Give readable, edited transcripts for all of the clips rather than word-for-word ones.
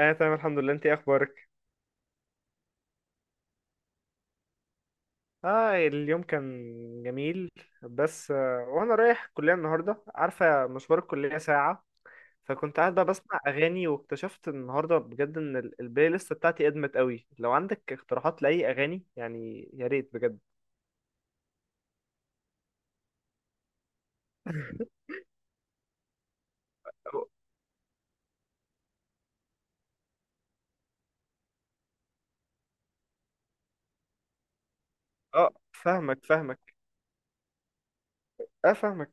اه، تمام، الحمد لله. انت ايه اخبارك؟ اه اليوم كان جميل. بس وانا رايح الكليه النهارده، عارفه مشوار الكليه ساعه. فكنت قاعد بقى بسمع اغاني، واكتشفت النهارده بجد ان البلاي ليست بتاعتي ادمت قوي. لو عندك اقتراحات لاي اغاني يعني، يا ريت بجد. اه فاهمك، فاهمك. اه فاهمك.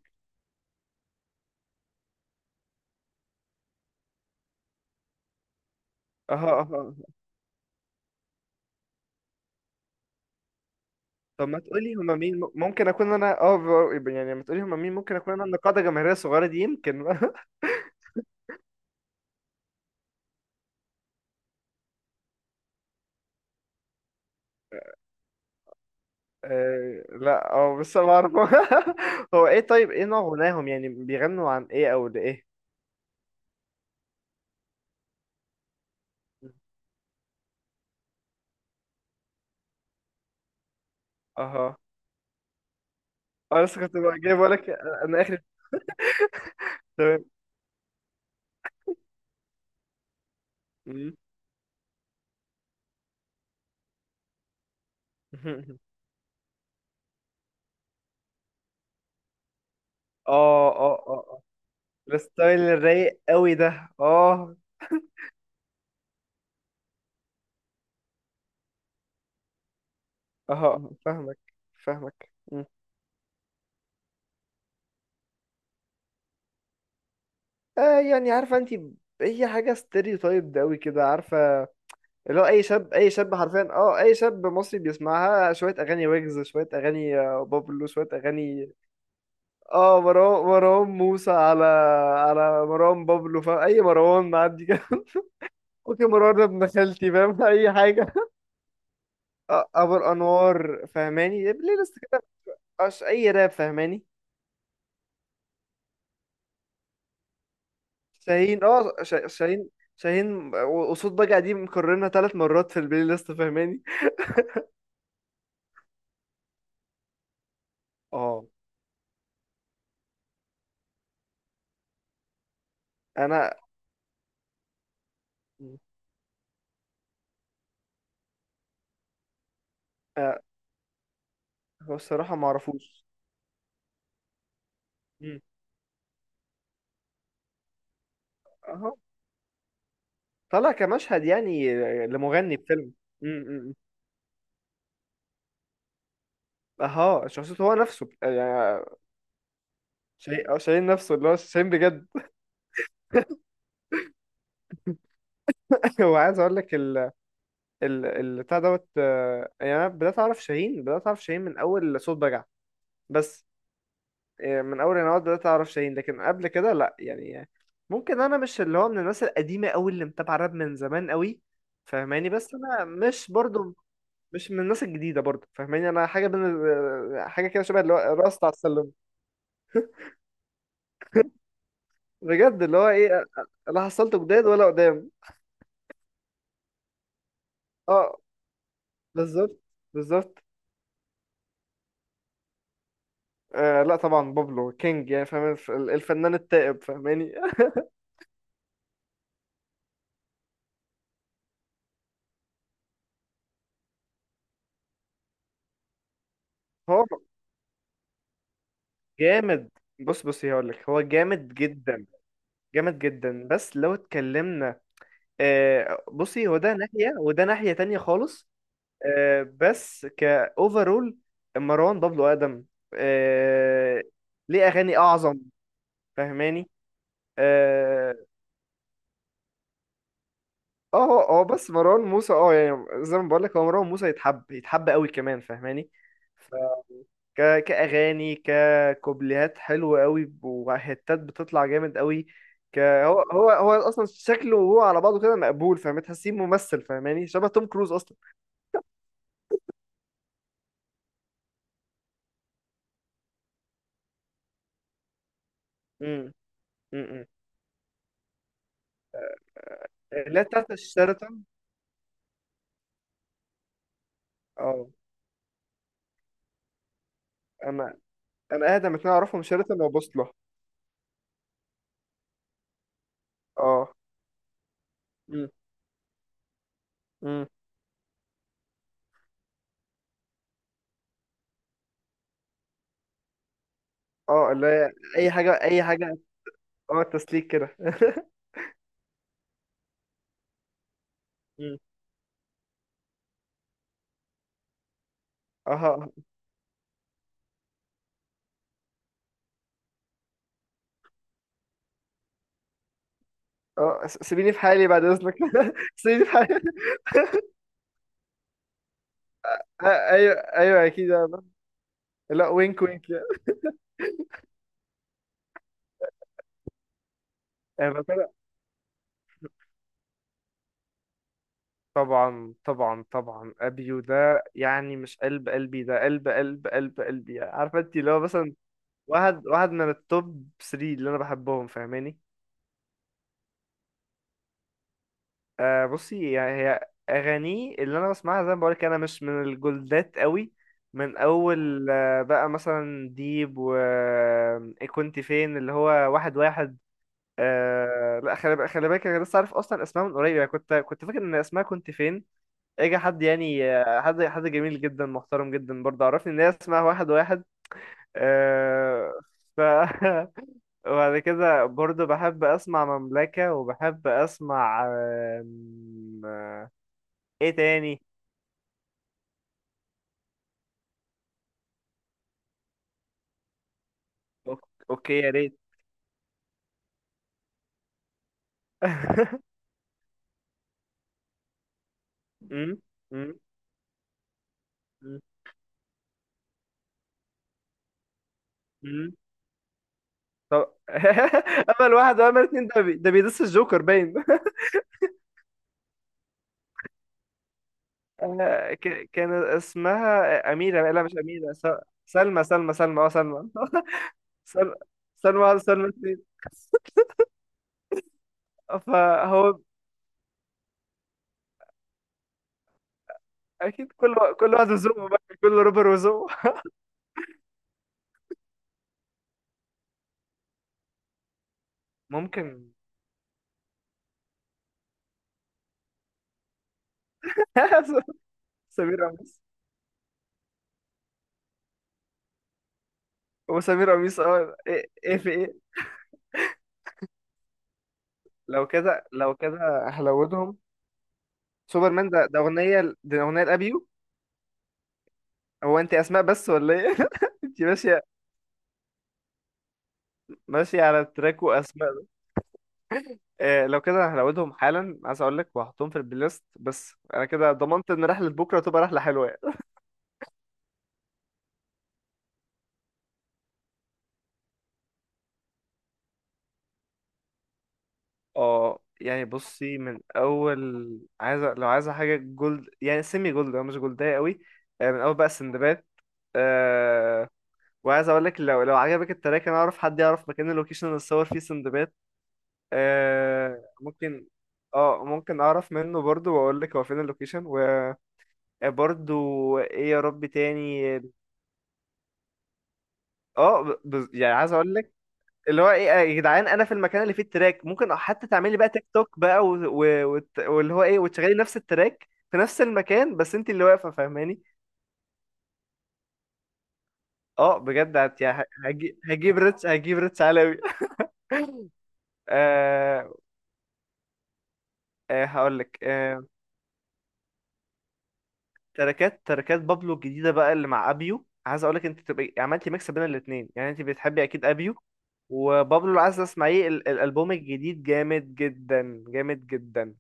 اه، اه. آه. أه. طب، ما تقولي هما مين، ممكن اكون انا، يعني ما تقولي هما مين ممكن اكون انا النقاده الجماهيريه الصغيره دي، يمكن. لا، بس ما اعرف. هو ايه؟ طيب، ايه نوع غناهم؟ يعني بيغنوا عن ايه او لايه؟ اها. انا لسه كنت بقى جاي بقولك، انا اخر. تمام. مم. اه، اه، اه، اه. الستايل الرايق قوي ده، اه. اه فاهمك، فاهمك. مم. يعني عارفه انت، اي حاجه ستيريوتايب ده قوي كده، عارفه. اللي هو اي شاب، اي شاب حرفيا، اي شاب مصري بيسمعها شويه اغاني ويجز، شويه اغاني بابلو، شويه اغاني. مروان موسى، على مروان بابلو. فاهم اي مروان معدي كده. اوكي، مروان ده ابن خالتي، فاهم. اي حاجه. ابو الانوار، فاهماني بلاي ليست كده. مبقاش اي راب، فاهماني. شاهين شاهين. شاهين وصوت بقى، دي مكررنا ثلاث مرات في البلاي ليست، فاهماني. اه انا آه، هو الصراحه ما اعرفوش. مم. اهو، طلع كمشهد يعني، لمغني في فيلم. مم، مم، مم. اها، شخصيته هو نفسه يعني. شيء، شايل نفسه اللي هو شاهين بجد. هو عايز اقول لك ال البتاع دوت، يعني انا بدات اعرف شاهين، بدات اعرف شاهين من اول صوت بجع. بس من اول انا بدات اعرف شاهين، لكن قبل كده لا يعني. ممكن انا مش اللي هو من الناس القديمه قوي اللي متابعه راب من زمان قوي، فاهماني. بس انا مش برضو، مش من الناس الجديده برضو، فاهماني. انا حاجه بين حاجه كده شبه اللي هو الراس على السلم، بجد اللي هو ايه، لا حصلت جداد ولا قدام. اه بالظبط. بالظبط. لا طبعا، بابلو كينج يعني فاهم، الفنان التائب، فاهماني. هو جامد. بص، بص، هقول لك، هو جامد جدا، جامد جدا. بس لو اتكلمنا، بصي، هو ده ناحية وده ناحية تانية خالص. بس كأوفرول، مروان بابلو أقدم، آه ليه أغاني أعظم، فاهماني. اه اه هو بس مروان موسى، يعني زي ما بقول لك، هو مروان موسى يتحب، يتحب قوي كمان، فاهماني. كأغاني، ككوبليهات حلوة قوي، وهتات بتطلع جامد قوي. هو أصلا شكله، وهو على بعضه كده مقبول، فاهم، تحسيه ممثل، فاهماني، شبه توم كروز أصلا. امم، امم. لا، بتاعت الشيراتون. اه أنا أنا أقدم اتنين أعرفهم، شيراتون وبوصلة. اه. امم، امم. اه اللي هي أي حاجة، أي حاجة. اه تسليك كده. مم. اه سيبيني في حالي بعد اذنك. سيبيني في حالي. ايوه، ايوه، اكيد يا عم. لا، وينك، وينك. آه، طبعا، طبعا، طبعا، ابيو ده يعني مش قلب قلبي، ده قلب قلب قلب قلبي، يعني عارفه انت، اللي هو مثلا واحد واحد من التوب 3 اللي انا بحبهم، فاهماني. بصي، يعني هي اغانيه اللي انا بسمعها، زي ما بقولك، انا مش من الجولدات قوي. من اول بقى مثلا ديب، و إيه كنت فين، اللي هو واحد واحد. لا، خلي بالك، خلي بالك، انا لسه عارف اصلا اسمها من قريب، يعني كنت فاكر ان اسمها كنت فين. اجى حد يعني، حد جميل جدا، محترم جدا برضه، عرفني ان هي اسمها واحد واحد. آه، ف وبعد كده برضه بحب اسمع مملكة، وبحب اسمع. آم، آه، ايه تاني؟ اوكي، يا ريت. أمم، أمم، أمم، أمم. طب، امل واحد وامل اتنين، ده بيدس الجوكر باين. كان اسمها اميرة، لا مش اميرة. سلمى، سلمى، سلمى، سلمى. سنة سنة واحدة، سنة اتنين. فهو أكيد، كل واحد وذوقه بقى، كل رابر وذوقه. ممكن. سمير قميص، وسمير قميص. اه ايه إيه في ايه؟ لو كده هلودهم. سوبرمان، ده أغنية، دي أغنية لأبيو. هو أنت أسماء بس ولا ايه؟ أنت ماشية، ماشية على التراك وأسماء. إيه، لو كده هلودهم حالا، عايز أقول لك وهحطهم في البلاي ليست. بس أنا كده ضمنت إن رحلة بكرة تبقى رحلة حلوة يعني. اه يعني بصي، من اول، لو عايزه حاجه جولد، يعني سيمي جولد، أو مش جولدية قوي. من اول بقى السندباد. أه وعايز اقول لك، لو عجبك التراك، انا اعرف حد يعرف مكان اللوكيشن اللي اتصور فيه سندباد. أه، ممكن. اه ممكن اعرف منه برضو، واقول لك هو فين اللوكيشن. وبرضو ايه يا رب تاني. يعني عايز اقول لك، اللي هو ايه، يا جدعان، انا في المكان اللي فيه التراك، ممكن حتى تعملي بقى تيك توك بقى، واللي هو ايه، وتشغلي نفس التراك في نفس المكان، بس انت اللي واقفه، فاهماني. اه بجد، يعني هجيب ريتش، هجيب ريتش عالمي. آه... هقول لك. تراكات بابلو الجديده بقى اللي مع ابيو، عايز اقول لك انت تبقى عملتي ميكس بين الاثنين، يعني انت بتحبي اكيد ابيو وبابلو. اللي عايز اسمعيه الالبوم الجديد جامد جدا، جامد جدا.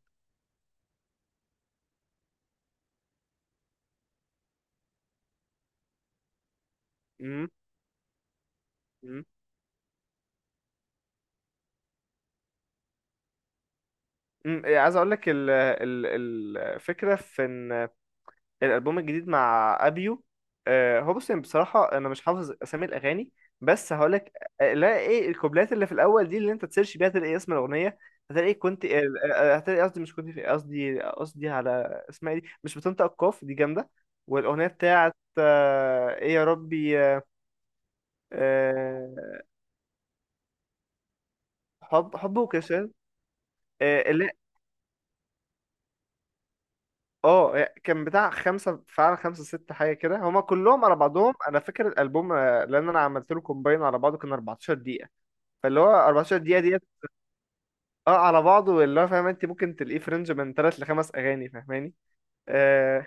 امم. إمم. مم، إيه، عايز اقول لك ال ال الفكره في ان الالبوم الجديد مع ابيو. هو بص، يعني بصراحه انا مش حافظ اسامي الاغاني، بس هقول لك. لا، ايه الكوبلات اللي في الاول دي، اللي انت تسيرش بيها تلاقي اسم الاغنيه. هتلاقي كنت هتلاقي قصدي، مش كنت في، قصدي على اسمها إيه، دي مش بتنطق القاف دي، جامده. والاغنيه بتاعت ايه يا ربي، حب وكسل. كان بتاع خمسة فعلا، خمسة ست حاجة كده هما كلهم على بعضهم. أنا فاكر الألبوم، لأن أنا عملت له كومباين على بعضه كان 14 دقيقة. فاللي هو 14 دقيقة ديت. اه على بعضه اللي هو فاهم، انت ممكن تلاقيه في رينج من تلات لخمس أغاني، فاهماني. آه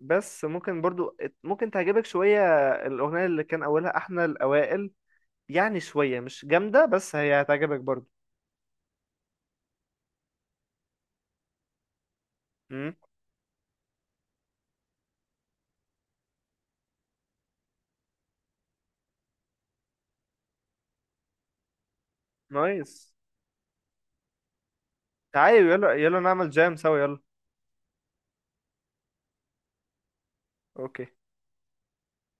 بس ممكن برضو، ممكن تعجبك شوية. الأغنية اللي كان أولها إحنا الأوائل، يعني شوية مش جامدة، بس هي هتعجبك برضو. مم. نايس. تعالي، يلا، يلا نعمل جام سوا، يلا. أوكي.